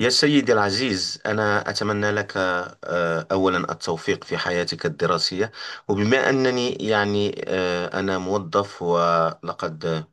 يا سيدي العزيز، أنا أتمنى لك أولا التوفيق في حياتك الدراسية. وبما أنني يعني أنا موظف، ولقد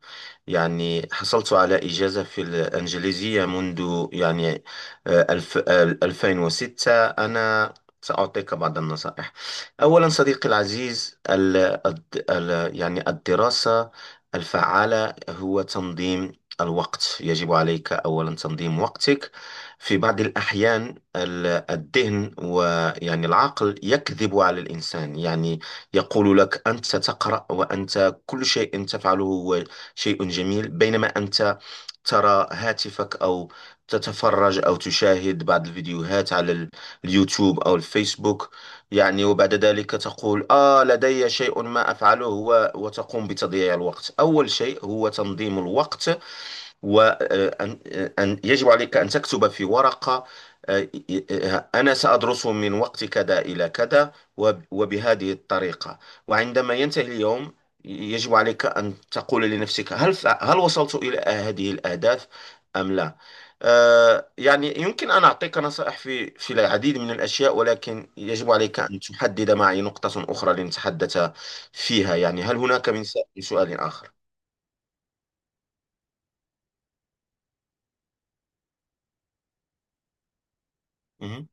يعني حصلت على إجازة في الإنجليزية منذ يعني آه، الف آه، 2006. أنا سأعطيك بعض النصائح. أولا صديقي العزيز، ال الد- ال يعني الدراسة الفعالة هو تنظيم الوقت. يجب عليك أولا تنظيم وقتك. في بعض الأحيان الذهن ويعني العقل يكذب على الإنسان، يعني يقول لك أنت تقرأ وأنت كل شيء تفعله هو شيء جميل، بينما أنت ترى هاتفك أو تتفرج أو تشاهد بعض الفيديوهات على اليوتيوب أو الفيسبوك، يعني وبعد ذلك تقول لدي شيء ما أفعله، و- وتقوم بتضييع الوقت. أول شيء هو تنظيم الوقت، وأن يجب عليك أن تكتب في ورقة، آه، أنا سأدرسه من وقت كذا إلى كذا، وب- وبهذه الطريقة، وعندما ينتهي اليوم يجب عليك أن تقول لنفسك هل وصلت إلى هذه الأهداف أم لا. يعني يمكن أن أعطيك نصائح في العديد من الأشياء، ولكن يجب عليك أن تحدد معي نقطة أخرى لنتحدث فيها. يعني هل هناك من سؤال آخر؟ مهم.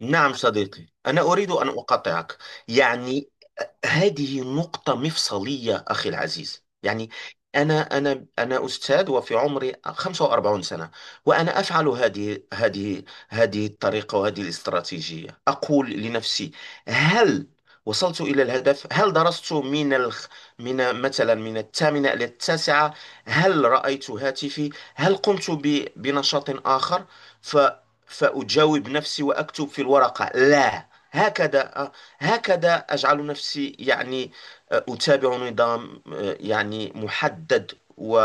نعم صديقي، أنا أريد أن أقاطعك. يعني هذه نقطة مفصلية أخي العزيز. يعني أنا أستاذ، وفي عمري 45 سنة، وأنا أفعل هذه الطريقة وهذه الاستراتيجية. أقول لنفسي هل وصلت إلى الهدف؟ هل درست من مثلا من الثامنة إلى التاسعة؟ هل رأيت هاتفي؟ هل قمت بنشاط آخر؟ ف... فأجاوب نفسي وأكتب في الورقة لا. هكذا، هكذا أجعل نفسي يعني أتابع نظام يعني محدد و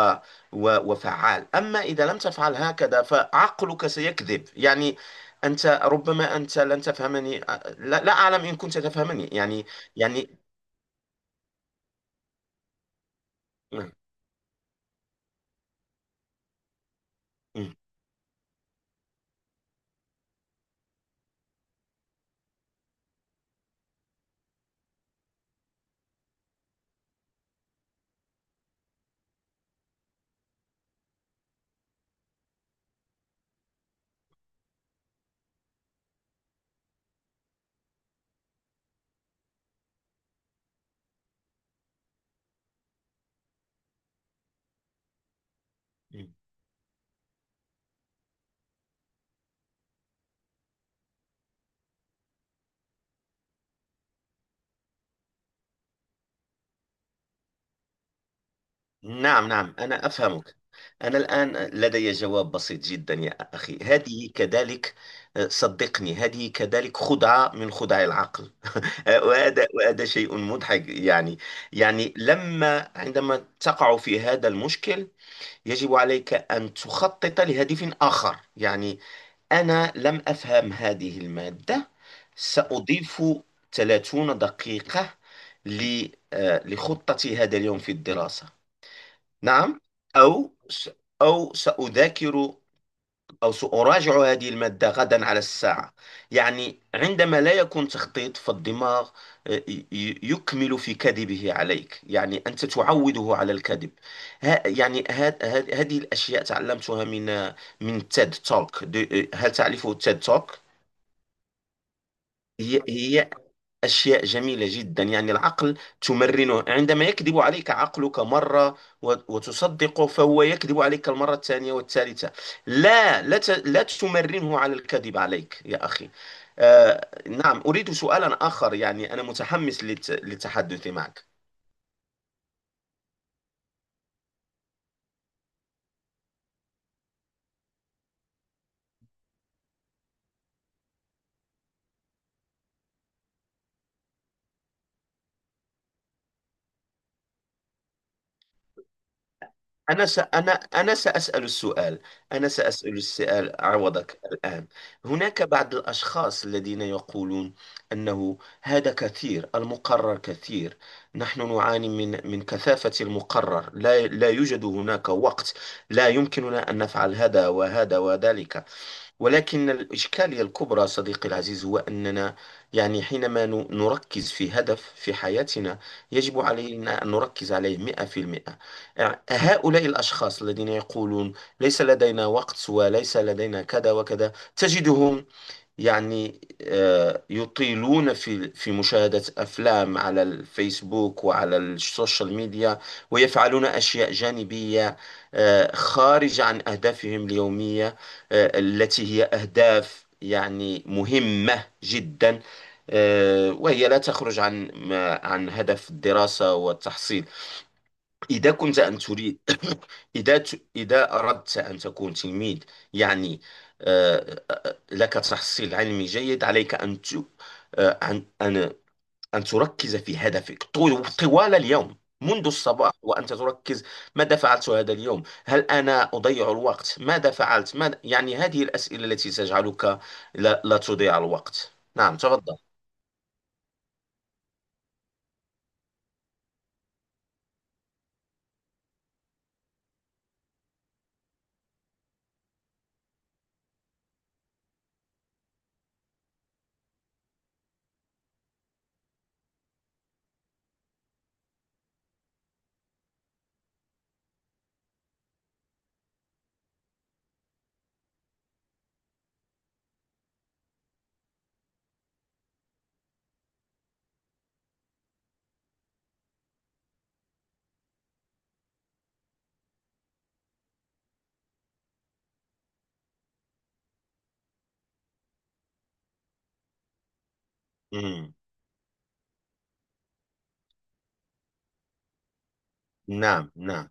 و وفعال. أما إذا لم تفعل هكذا فعقلك سيكذب، يعني ربما أنت لن تفهمني. لا, لا أعلم إن كنت تفهمني. يعني يعني آه، آه، آه. نعم نعم، أنا أفهمك. أنا الآن لدي جواب بسيط جدا يا أخي. هذه كذلك، صدقني هذه كذلك خدعة من خدع العقل. وهذا شيء مضحك. يعني يعني عندما تقع في هذا المشكل، يجب عليك أن تخطط لهدف آخر. يعني أنا لم أفهم هذه المادة، سأضيف 30 دقيقة لخطتي هذا اليوم في الدراسة. نعم. أو س- أو سأذاكر، أو سأراجع هذه المادة غدا على الساعة. يعني عندما لا يكون تخطيط فالدماغ يكمل في كذبه عليك، يعني أنت تعوده على الكذب. ها يعني هذه الأشياء تعلمتها من تيد توك. هل تعرفه تيد توك؟ هي أشياء جميلة جدا. يعني العقل تمرنه، عندما يكذب عليك عقلك مرة وت- وتصدقه فهو يكذب عليك المرة الثانية والثالثة. لا لا لا تمرنه على الكذب عليك يا أخي. نعم، أريد سؤالا آخر. يعني أنا متحمس للتحدث معك. أنا سأسأل السؤال. أنا سأسأل السؤال عوضك الآن. هناك بعض الأشخاص الذين يقولون أنه هذا كثير، المقرر كثير، نحن نعاني من كثافة المقرر، لا يوجد هناك وقت، لا يمكننا أن نفعل هذا وهذا وذلك. ولكن الإشكالية الكبرى صديقي العزيز هو أننا يعني حينما نركز في هدف في حياتنا، يجب علينا أن نركز عليه 100%. هؤلاء الأشخاص الذين يقولون ليس لدينا وقت وليس لدينا كذا وكذا، تجدهم يعني يطيلون في مشاهدة أفلام على الفيسبوك وعلى السوشيال ميديا، ويفعلون أشياء جانبية خارجة عن أهدافهم اليومية، التي هي أهداف يعني مهمة جدا، وهي لا تخرج عن هدف الدراسة والتحصيل. إذا كنت أن تريد إذا أردت أن تكون تلميذ يعني لك تحصيل علمي جيد، عليك أن ت... آه، أن أن أن تركز في هدفك طوال اليوم. منذ الصباح وأنت تركز ماذا فعلت هذا اليوم؟ هل أنا أضيع الوقت؟ ماذا فعلت؟ يعني هذه الأسئلة التي تجعلك لا, لا تضيع الوقت. نعم تفضل. مم. نعم نعم.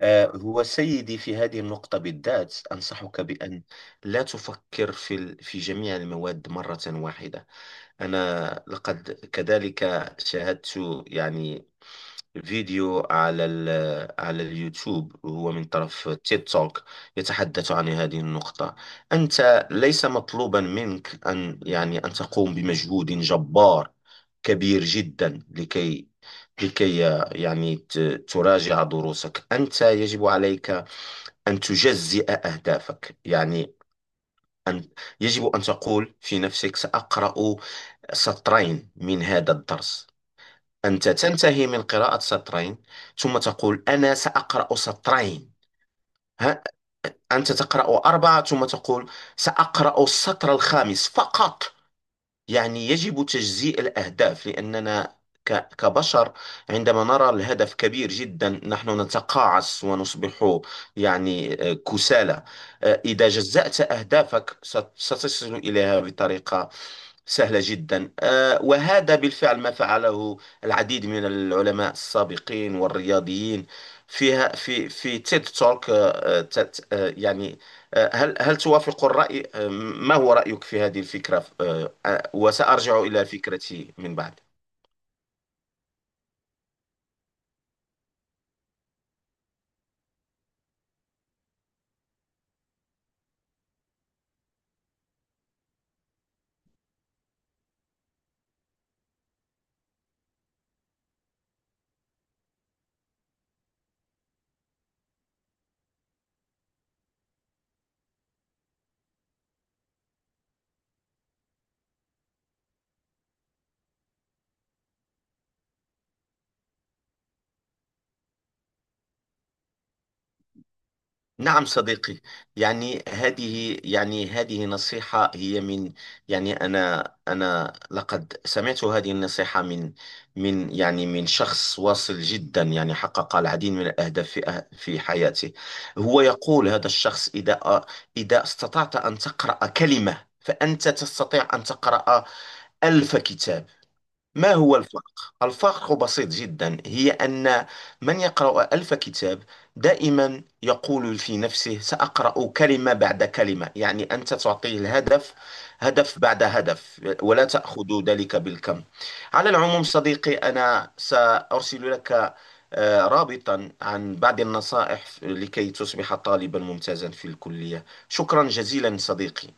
هو سيدي في هذه النقطة بالذات أنصحك بأن لا تفكر في في جميع المواد مرة واحدة. أنا لقد كذلك شاهدت يعني فيديو على على اليوتيوب، وهو من طرف تيد توك، يتحدث عن هذه النقطة. أنت ليس مطلوبا منك أن يعني أن تقوم بمجهود جبار كبير جدا، لكي لكي يعني تراجع دروسك. أنت يجب عليك أن تجزئ أهدافك، يعني أن يجب أن تقول في نفسك سأقرأ سطرين من هذا الدرس. أنت تنتهي من قراءة سطرين، ثم تقول أنا سأقرأ سطرين. ها؟ أنت تقرأ أربعة ثم تقول سأقرأ السطر الخامس فقط. يعني يجب تجزيء الأهداف، لأننا كبشر عندما نرى الهدف كبير جدا نحن نتقاعس ونصبح يعني كسالى. إذا جزأت أهدافك ستصل إليها بطريقة سهلة جدا. وهذا بالفعل ما فعله العديد من العلماء السابقين والرياضيين فيها في تيد توك. يعني هل توافق الرأي؟ ما هو رأيك في هذه الفكرة؟ وسأرجع إلى فكرتي من بعد. نعم صديقي. يعني هذه، يعني هذه نصيحة هي من، يعني أنا لقد سمعت هذه النصيحة من يعني من شخص واصل جدا، يعني حقق العديد من الأهداف في حياته. هو يقول هذا الشخص إذا استطعت أن تقرأ كلمة فأنت تستطيع أن تقرأ 1000 كتاب. ما هو الفرق؟ الفرق بسيط جدا، هي أن من يقرأ 1000 كتاب دائما يقول في نفسه سأقرأ كلمة بعد كلمة. يعني أنت تعطيه الهدف، هدف بعد هدف، ولا تأخذ ذلك بالكم. على العموم صديقي، أنا سأرسل لك رابطا عن بعض النصائح لكي تصبح طالبا ممتازا في الكلية. شكرا جزيلا صديقي.